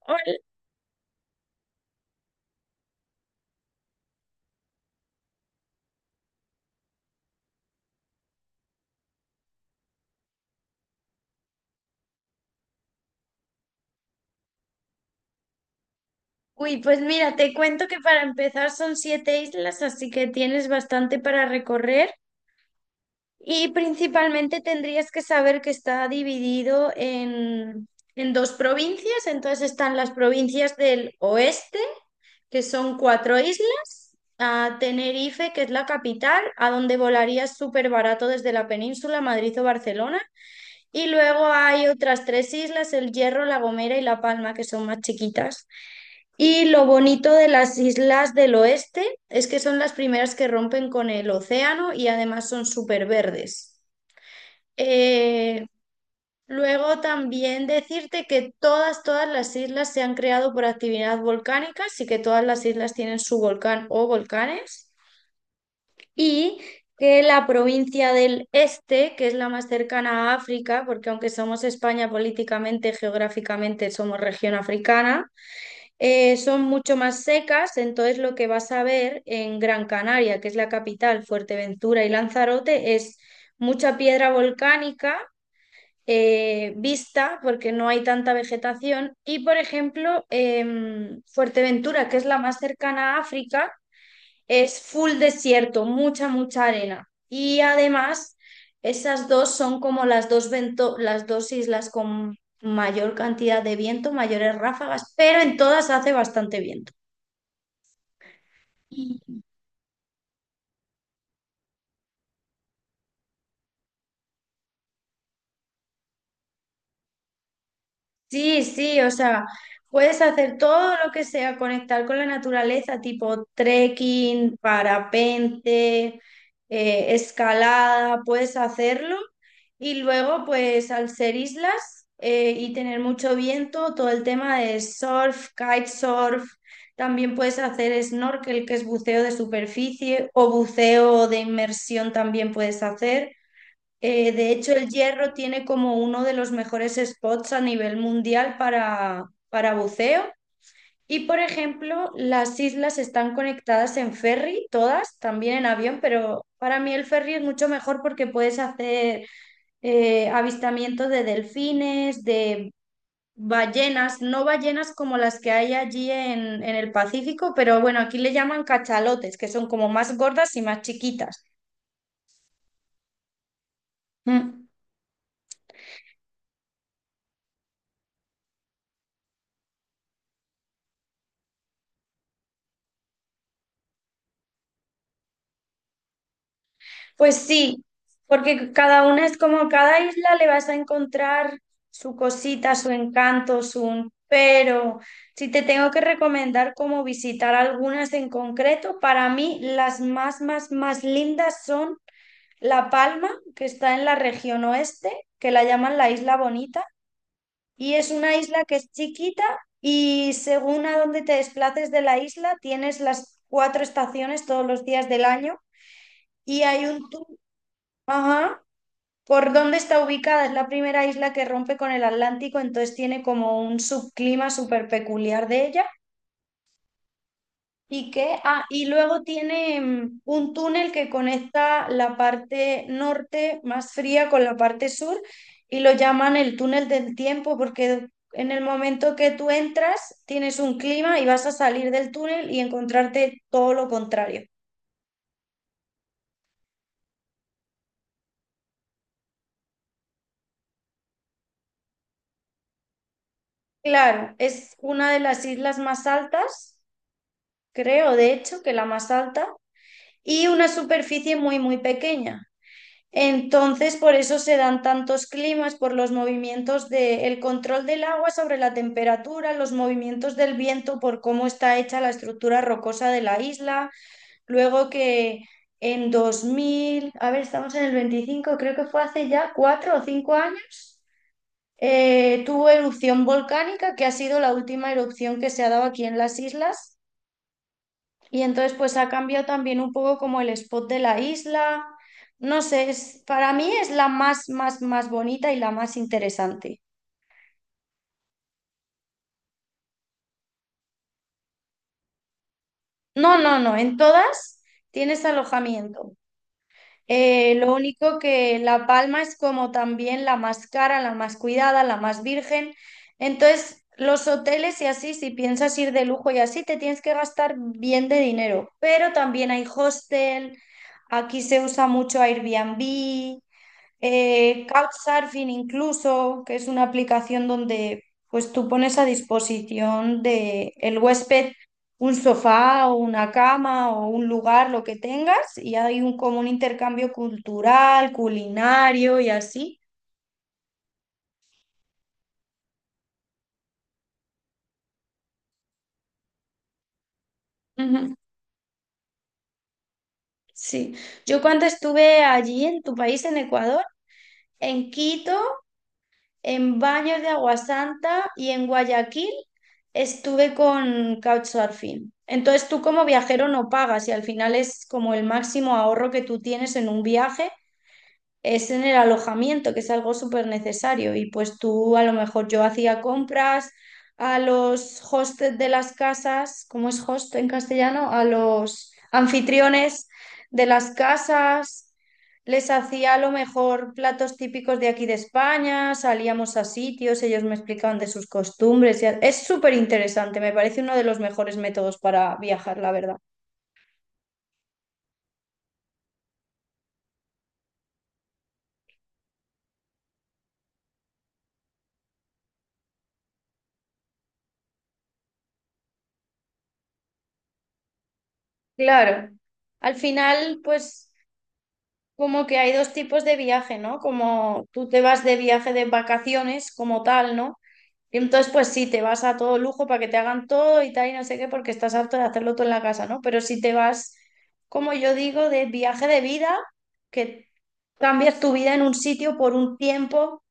Hola. Uy, pues mira, te cuento que para empezar son siete islas, así que tienes bastante para recorrer y principalmente tendrías que saber que está dividido en dos provincias, entonces están las provincias del oeste, que son cuatro islas, a Tenerife, que es la capital, a donde volarías súper barato desde la península, Madrid o Barcelona, y luego hay otras tres islas, El Hierro, La Gomera y La Palma, que son más chiquitas. Y lo bonito de las islas del oeste es que son las primeras que rompen con el océano y además son súper verdes. Eh, Luego también decirte que todas las islas se han creado por actividad volcánica, así que todas las islas tienen su volcán o volcanes. Y que la provincia del este, que es la más cercana a África, porque aunque somos España políticamente, geográficamente somos región africana, son mucho más secas, entonces lo que vas a ver en Gran Canaria, que es la capital, Fuerteventura y Lanzarote, es mucha piedra volcánica vista porque no hay tanta vegetación. Y por ejemplo, Fuerteventura, que es la más cercana a África, es full desierto, mucha, mucha arena. Y además, esas dos son como las dos islas con mayor cantidad de viento, mayores ráfagas, pero en todas hace bastante viento. Sí, sí, o sea, puedes hacer todo lo que sea, conectar con la naturaleza, tipo trekking, parapente, escalada, puedes hacerlo. Y luego, pues al ser islas y tener mucho viento, todo el tema de surf, kitesurf, también puedes hacer snorkel, que es buceo de superficie, o buceo de inmersión también puedes hacer. De hecho, el Hierro tiene como uno de los mejores spots a nivel mundial para buceo. Y, por ejemplo, las islas están conectadas en ferry, todas, también en avión, pero para mí el ferry es mucho mejor porque puedes hacer avistamientos de delfines, de ballenas, no ballenas como las que hay allí en el Pacífico, pero bueno, aquí le llaman cachalotes, que son como más gordas y más chiquitas. Mm. Pues sí, porque cada una es como cada isla le vas a encontrar su cosita, su encanto, su... Pero si te tengo que recomendar cómo visitar algunas en concreto, para mí las más, más, más lindas son La Palma, que está en la región oeste, que la llaman la Isla Bonita, y es una isla que es chiquita y según a dónde te desplaces de la isla, tienes las cuatro estaciones todos los días del año y hay un tour. ¿Por dónde está ubicada? Es la primera isla que rompe con el Atlántico, entonces tiene como un subclima súper peculiar de ella. Y luego tiene un túnel que conecta la parte norte más fría con la parte sur y lo llaman el túnel del tiempo porque en el momento que tú entras tienes un clima y vas a salir del túnel y encontrarte todo lo contrario. Claro, es una de las islas más altas, creo, de hecho, que la más alta y una superficie muy, muy pequeña. Entonces, por eso se dan tantos climas, por los movimientos del de control del agua sobre la temperatura, los movimientos del viento, por cómo está hecha la estructura rocosa de la isla. Luego que en 2000, a ver, estamos en el 25, creo que fue hace ya 4 o 5 años, tuvo erupción volcánica, que ha sido la última erupción que se ha dado aquí en las islas y entonces pues ha cambiado también un poco como el spot de la isla. No sé, es, para mí es la más, más, más bonita y la más interesante. No, no, no, en todas tienes alojamiento. Lo único que La Palma es como también la más cara, la más cuidada, la más virgen. Entonces, los hoteles y así, si piensas ir de lujo y así, te tienes que gastar bien de dinero. Pero también hay hostel, aquí se usa mucho Airbnb. Couchsurfing incluso, que es una aplicación donde pues tú pones a disposición de el huésped un sofá o una cama o un lugar, lo que tengas, y hay un como un intercambio cultural, culinario y así. Ujú. Sí. Yo cuando estuve allí en tu país, en Ecuador, en Quito, en Baños de Agua Santa y en Guayaquil estuve con Couchsurfing. Entonces tú como viajero no pagas y al final es como el máximo ahorro que tú tienes en un viaje es en el alojamiento, que es algo súper necesario. Y pues tú, a lo mejor yo hacía compras a los hostes de las casas, ¿cómo es host en castellano? A los anfitriones de las casas, les hacía a lo mejor platos típicos de aquí de España, salíamos a sitios, ellos me explicaban de sus costumbres Es súper interesante, me parece uno de los mejores métodos para viajar, la verdad. Claro. Al final, pues como que hay dos tipos de viaje, ¿no? Como tú te vas de viaje de vacaciones como tal, ¿no? Y entonces, pues sí, te vas a todo lujo para que te hagan todo y tal y no sé qué, porque estás harto de hacerlo todo en la casa, ¿no? Pero si te vas, como yo digo, de viaje de vida, que cambias tu vida en un sitio por un tiempo,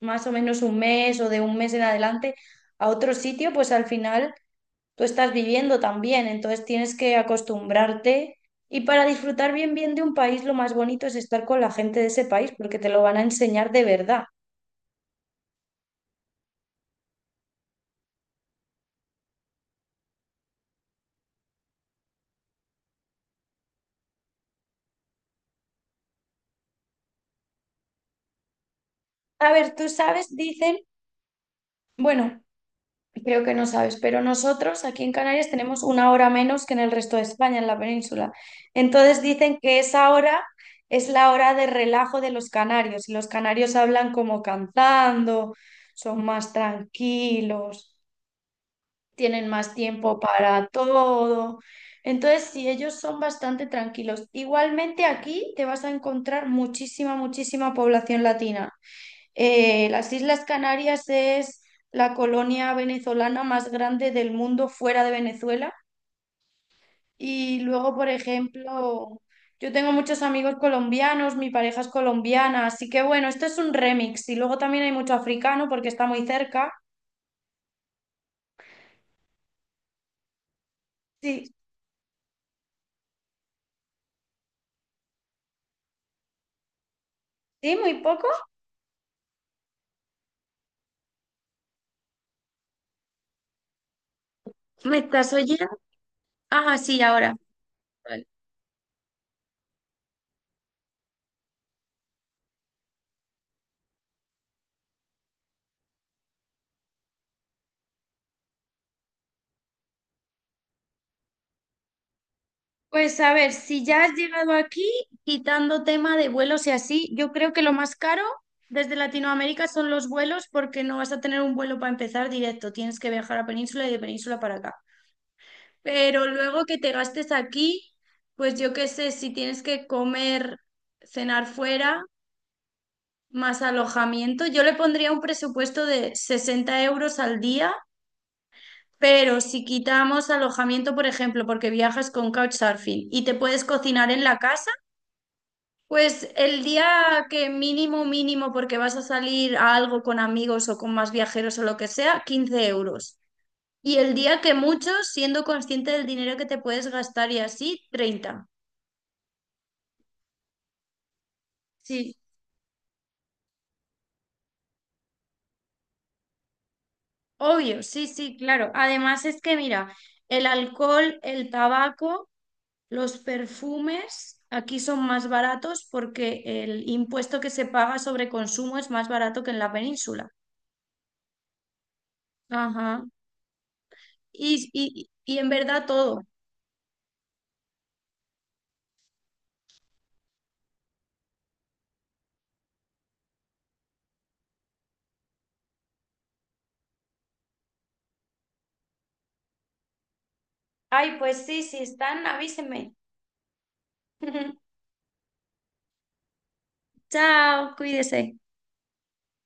más o menos un mes o de un mes en adelante, a otro sitio, pues al final tú estás viviendo también, entonces tienes que acostumbrarte y para disfrutar bien bien de un país lo más bonito es estar con la gente de ese país porque te lo van a enseñar de verdad. A ver, tú sabes, dicen, bueno, creo que no sabes, pero nosotros aquí en Canarias tenemos una hora menos que en el resto de España, en la península. Entonces dicen que esa hora es la hora de relajo de los canarios y los canarios hablan como cantando, son más tranquilos, tienen más tiempo para todo. Entonces, sí, ellos son bastante tranquilos. Igualmente aquí te vas a encontrar muchísima, muchísima población latina. Las Islas Canarias es la colonia venezolana más grande del mundo fuera de Venezuela. Y luego, por ejemplo, yo tengo muchos amigos colombianos, mi pareja es colombiana, así que bueno, esto es un remix. Y luego también hay mucho africano porque está muy cerca. Sí, sí, muy poco. ¿Me estás oyendo? Ah, sí, ahora. Vale. Pues a ver, si ya has llegado aquí, quitando tema de vuelos y así, yo creo que lo más caro desde Latinoamérica son los vuelos porque no vas a tener un vuelo para empezar directo, tienes que viajar a Península y de Península para acá. Pero luego que te gastes aquí, pues yo qué sé, si tienes que comer, cenar fuera, más alojamiento, yo le pondría un presupuesto de 60 euros al día. Pero si quitamos alojamiento, por ejemplo, porque viajas con couchsurfing y te puedes cocinar en la casa, pues el día que mínimo, mínimo, porque vas a salir a algo con amigos o con más viajeros o lo que sea, 15 euros. Y el día que muchos, siendo consciente del dinero que te puedes gastar y así, 30. Sí, obvio, sí, sí, claro. Además es que mira, el alcohol, el tabaco, los perfumes aquí son más baratos porque el impuesto que se paga sobre consumo es más barato que en la península. Ajá. Y en verdad todo. Ay, pues sí, si están, avíseme. Chao, cuídese.